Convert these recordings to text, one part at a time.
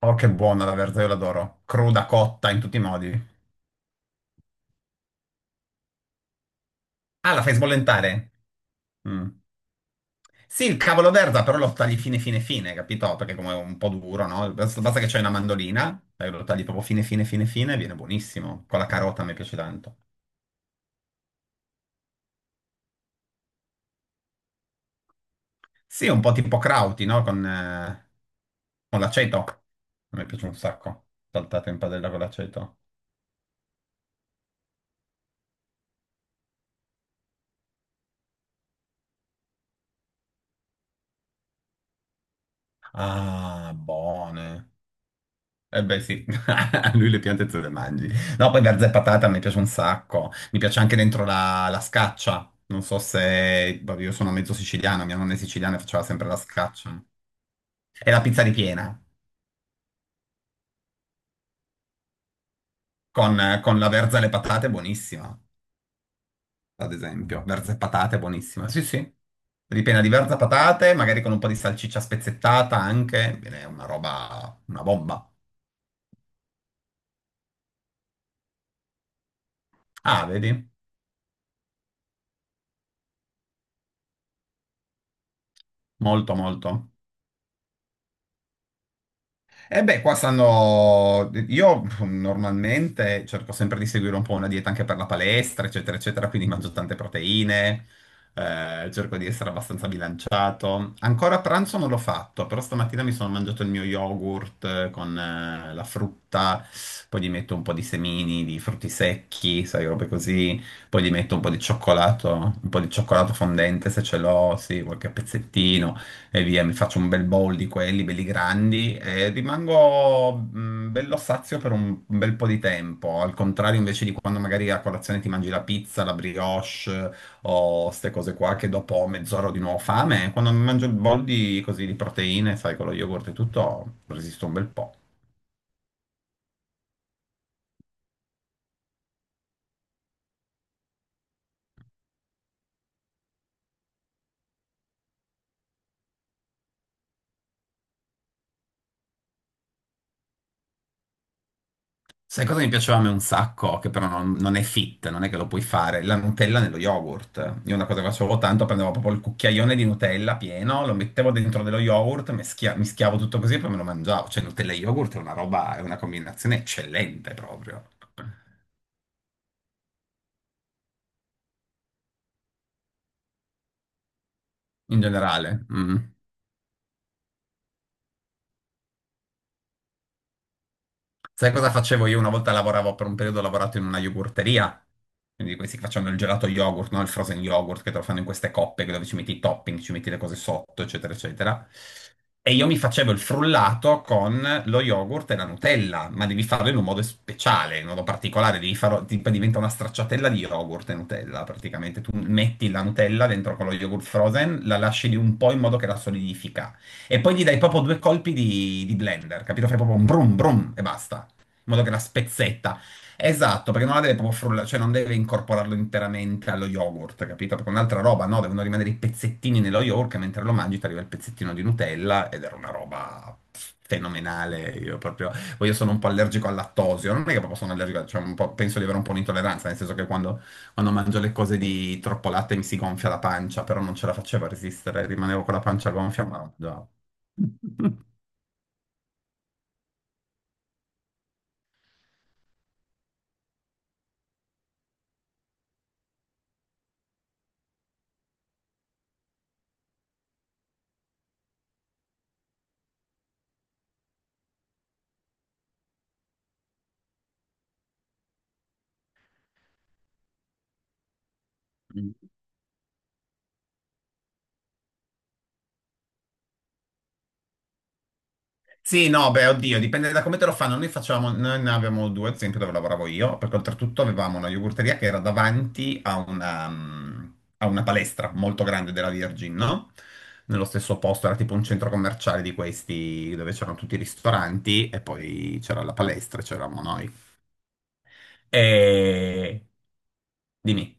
Oh, che buona la verza, io l'adoro. Cruda, cotta, in tutti i modi. Ah, la fai sbollentare? Mm. Sì, il cavolo verza, però lo tagli fine, fine, fine, capito? Perché come è un po' duro, no? Basta, basta che c'hai una mandolina, lo tagli proprio fine, fine, fine, fine, e viene buonissimo. Con la carota mi piace tanto. Sì, un po' tipo crauti, no? Con l'aceto. A me piace un sacco. Saltato in padella con l'aceto. Ah, buone. Eh beh sì, a lui le piante te le mangi. No, poi verza e patata mi piace un sacco. Mi piace anche dentro la scaccia. Non so se, vabbè, io sono mezzo siciliano, mia nonna è siciliana e faceva sempre la scaccia. E la pizza ripiena, con la verza e le patate, è buonissima, ad esempio. Verza e patate, è buonissima. Sì, sì. Ripiena di verza patate, magari con un po' di salsiccia spezzettata anche. Bene, è una roba, una bomba. Ah, vedi? Molto, molto. E beh, io normalmente cerco sempre di seguire un po' una dieta anche per la palestra, eccetera, eccetera, quindi mangio tante proteine, cerco di essere abbastanza bilanciato. Ancora a pranzo non l'ho fatto, però stamattina mi sono mangiato il mio yogurt con la frutta, poi gli metto un po' di semini, di frutti secchi, sai, robe così, poi gli metto un po' di cioccolato, un po' di cioccolato fondente se ce l'ho, sì, qualche pezzettino, e via, mi faccio un bel bowl di quelli belli grandi e rimango bello sazio per un bel po' di tempo. Al contrario, invece di quando magari a colazione ti mangi la pizza, la brioche o queste cose qua, che dopo mezz'ora ho di nuovo fame, quando mi mangio il bowl di, così, di proteine, sai, con lo yogurt e tutto, resisto un bel po'. Sai cosa mi piaceva a me un sacco? Che però non è fit, non è che lo puoi fare. La Nutella nello yogurt. Io una cosa che facevo tanto, prendevo proprio il cucchiaione di Nutella pieno, lo mettevo dentro dello yogurt, mischiavo tutto così e poi me lo mangiavo. Cioè Nutella e yogurt è una roba, è una combinazione eccellente proprio, in generale. Mm. Sai cosa facevo io? Una volta lavoravo, per un periodo ho lavorato in una yogurteria, quindi questi che facevano il gelato yogurt, no? Il frozen yogurt, che te lo fanno in queste coppe dove ci metti i topping, ci metti le cose sotto, eccetera, eccetera. E io mi facevo il frullato con lo yogurt e la Nutella, ma devi farlo in un modo speciale, in un modo particolare, devi farlo, diventa una stracciatella di yogurt e Nutella, praticamente. Tu metti la Nutella dentro con lo yogurt frozen, la lasci di un po' in modo che la solidifica. E poi gli dai proprio due colpi di blender, capito? Fai proprio un brum brum e basta in modo che la spezzetta. Esatto, perché non la deve proprio frullare, cioè non deve incorporarlo interamente allo yogurt, capito? Perché è un'altra roba, no, devono rimanere i pezzettini nello yogurt, e mentre lo mangi ti arriva il pezzettino di Nutella ed era una roba fenomenale. Io proprio, poi io sono un po' allergico al lattosio, non è che proprio sono allergico, cioè un po', penso di avere un po' un'intolleranza, nel senso che quando mangio le cose di troppo latte mi si gonfia la pancia, però non ce la facevo a resistere, rimanevo con la pancia gonfia, ma la mangiavo. Sì, no, beh, oddio, dipende da come te lo fanno. Noi facevamo, noi ne avevamo due, ad esempio, dove lavoravo io, perché oltretutto avevamo una yogurteria che era davanti a una palestra molto grande della Virgin, no? Nello stesso posto, era tipo un centro commerciale di questi, dove c'erano tutti i ristoranti e poi c'era la palestra, e c'eravamo noi. E... Dimmi.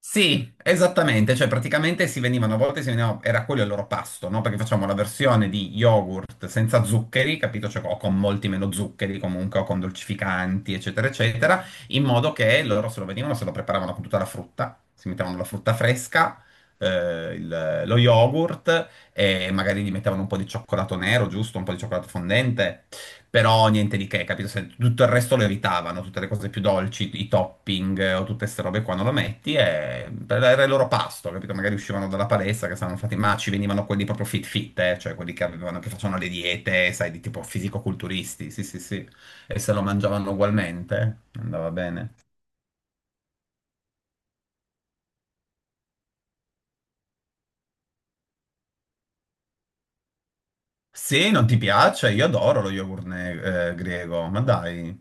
Sì, esattamente, cioè praticamente si venivano, a volte si venivano, era quello il loro pasto, no? Perché facciamo la versione di yogurt senza zuccheri, capito? Cioè, o con molti meno zuccheri comunque, o con dolcificanti, eccetera, eccetera, in modo che loro se lo venivano, se lo preparavano con tutta la frutta, si mettevano la frutta fresca, lo yogurt e magari gli mettevano un po' di cioccolato nero, giusto? Un po' di cioccolato fondente. Però niente di che, capito? Se tutto il resto lo evitavano, tutte le cose più dolci, i topping o tutte queste robe qua non lo metti e era il loro pasto, capito? Magari uscivano dalla palestra che stavano fatti, ma ci venivano quelli proprio fit fit, cioè quelli che avevano, che facevano le diete, sai, di tipo fisico-culturisti, sì sì sì, e se lo mangiavano ugualmente, andava bene. Se non ti piace, io adoro lo yogurt greco, ma dai.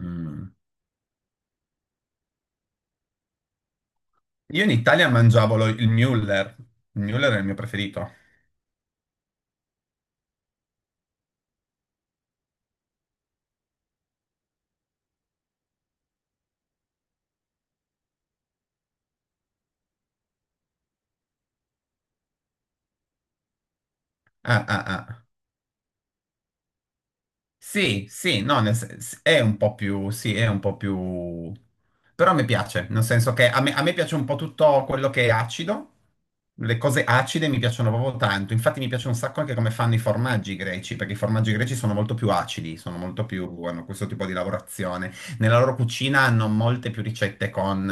Mm. Io in Italia mangiavo il Müller è il mio preferito. Ah ah ah. Sì, sì, no, è un po' più, sì, è un po' più. Però mi piace, nel senso che a me piace un po' tutto quello che è acido, le cose acide mi piacciono proprio tanto, infatti mi piace un sacco anche come fanno i formaggi greci, perché i formaggi greci sono molto più acidi, sono molto più, hanno questo tipo di lavorazione. Nella loro cucina hanno molte più ricette con,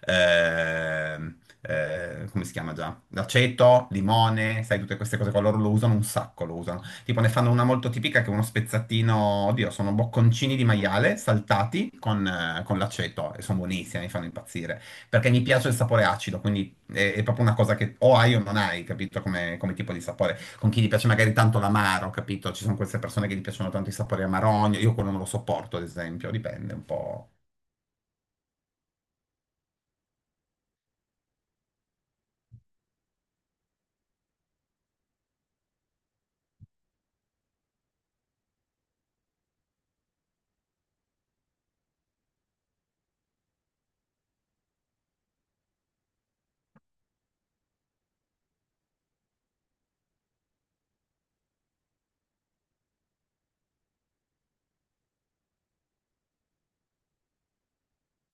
eh, come si chiama già? L'aceto, limone, sai, tutte queste cose qua, loro lo usano un sacco, lo usano. Tipo ne fanno una molto tipica che è uno spezzatino, oddio, sono bocconcini di maiale saltati con l'aceto e sono buonissimi, mi fanno impazzire. Perché mi piace il sapore acido, quindi è proprio una cosa che o hai o non hai, capito? Come tipo di sapore. Con chi gli piace magari tanto l'amaro, capito? Ci sono queste persone che gli piacciono tanto i sapori amarogno, io quello non lo sopporto, ad esempio, dipende un po'.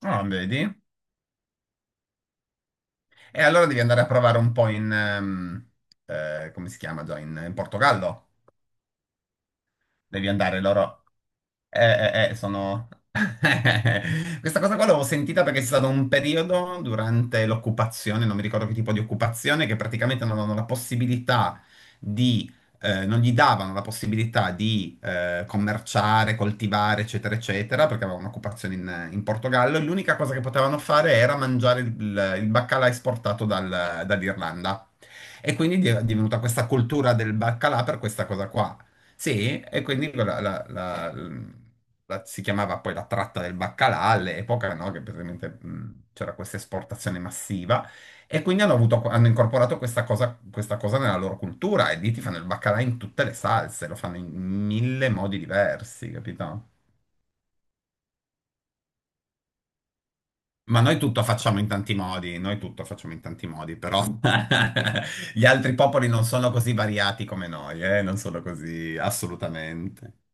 Ah, vedi? E allora devi andare a provare un po' in, come si chiama già, in Portogallo. Devi andare, loro. Sono. Questa cosa qua l'ho sentita perché c'è stato un periodo durante l'occupazione, non mi ricordo che tipo di occupazione, che praticamente non avevano la possibilità di, non gli davano la possibilità di commerciare, coltivare, eccetera, eccetera, perché avevano un'occupazione in Portogallo e l'unica cosa che potevano fare era mangiare il baccalà esportato dall'Irlanda. E quindi è divenuta questa cultura del baccalà per questa cosa qua. Sì, e quindi si chiamava poi la tratta del baccalà all'epoca, no? Che praticamente c'era questa esportazione massiva e quindi hanno incorporato questa cosa nella loro cultura e lì ti fanno il baccalà in tutte le salse, lo fanno in mille modi diversi, capito? Ma noi tutto facciamo in tanti modi, noi tutto facciamo in tanti modi, però gli altri popoli non sono così variati come noi, eh? Non sono così assolutamente.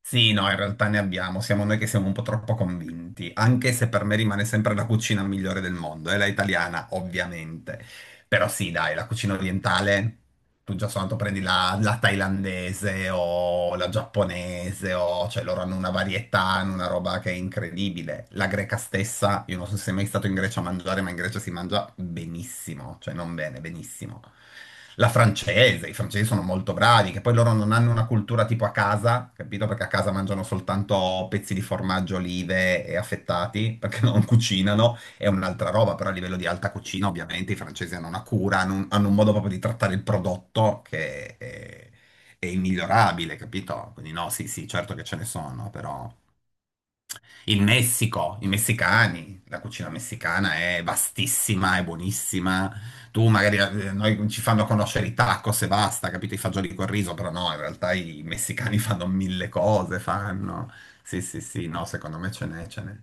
Sì, no, in realtà ne abbiamo, siamo noi che siamo un po' troppo convinti, anche se per me rimane sempre la cucina migliore del mondo, è la italiana, ovviamente. Però sì, dai, la cucina orientale tu già soltanto prendi la thailandese o la giapponese, o, cioè loro hanno una varietà, hanno una roba che è incredibile. La greca stessa, io non so se sei mai stato in Grecia a mangiare, ma in Grecia si mangia benissimo, cioè non bene, benissimo. La francese, i francesi sono molto bravi, che poi loro non hanno una cultura tipo a casa, capito? Perché a casa mangiano soltanto pezzi di formaggio, olive e affettati, perché non cucinano, è un'altra roba, però a livello di alta cucina ovviamente i francesi hanno una cura, hanno un modo proprio di trattare il prodotto che è immigliorabile, capito? Quindi no, sì, sì, certo che ce ne sono, però il Messico, i messicani, la cucina messicana è vastissima, è buonissima. Tu magari noi ci fanno conoscere i tacos e basta, capito? I fagioli col riso, però no, in realtà i messicani fanno mille cose, fanno. Sì, sì, sì, no, secondo me ce n'è, ce n'è.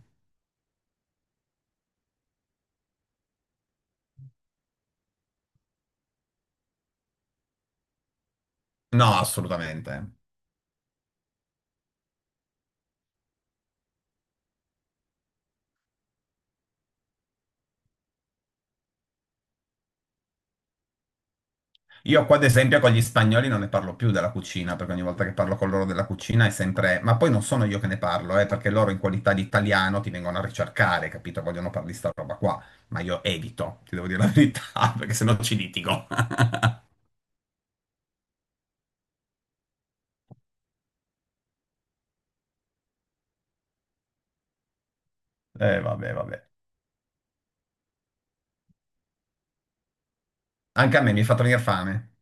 No, assolutamente. Io qua, ad esempio, con gli spagnoli non ne parlo più della cucina, perché ogni volta che parlo con loro della cucina è sempre. Ma poi non sono io che ne parlo, perché loro in qualità di italiano ti vengono a ricercare, capito? Vogliono parlare di sta roba qua, ma io evito, ti devo dire la verità, perché sennò ci litigo. Vabbè, vabbè. Anche a me mi è fatto venire fame.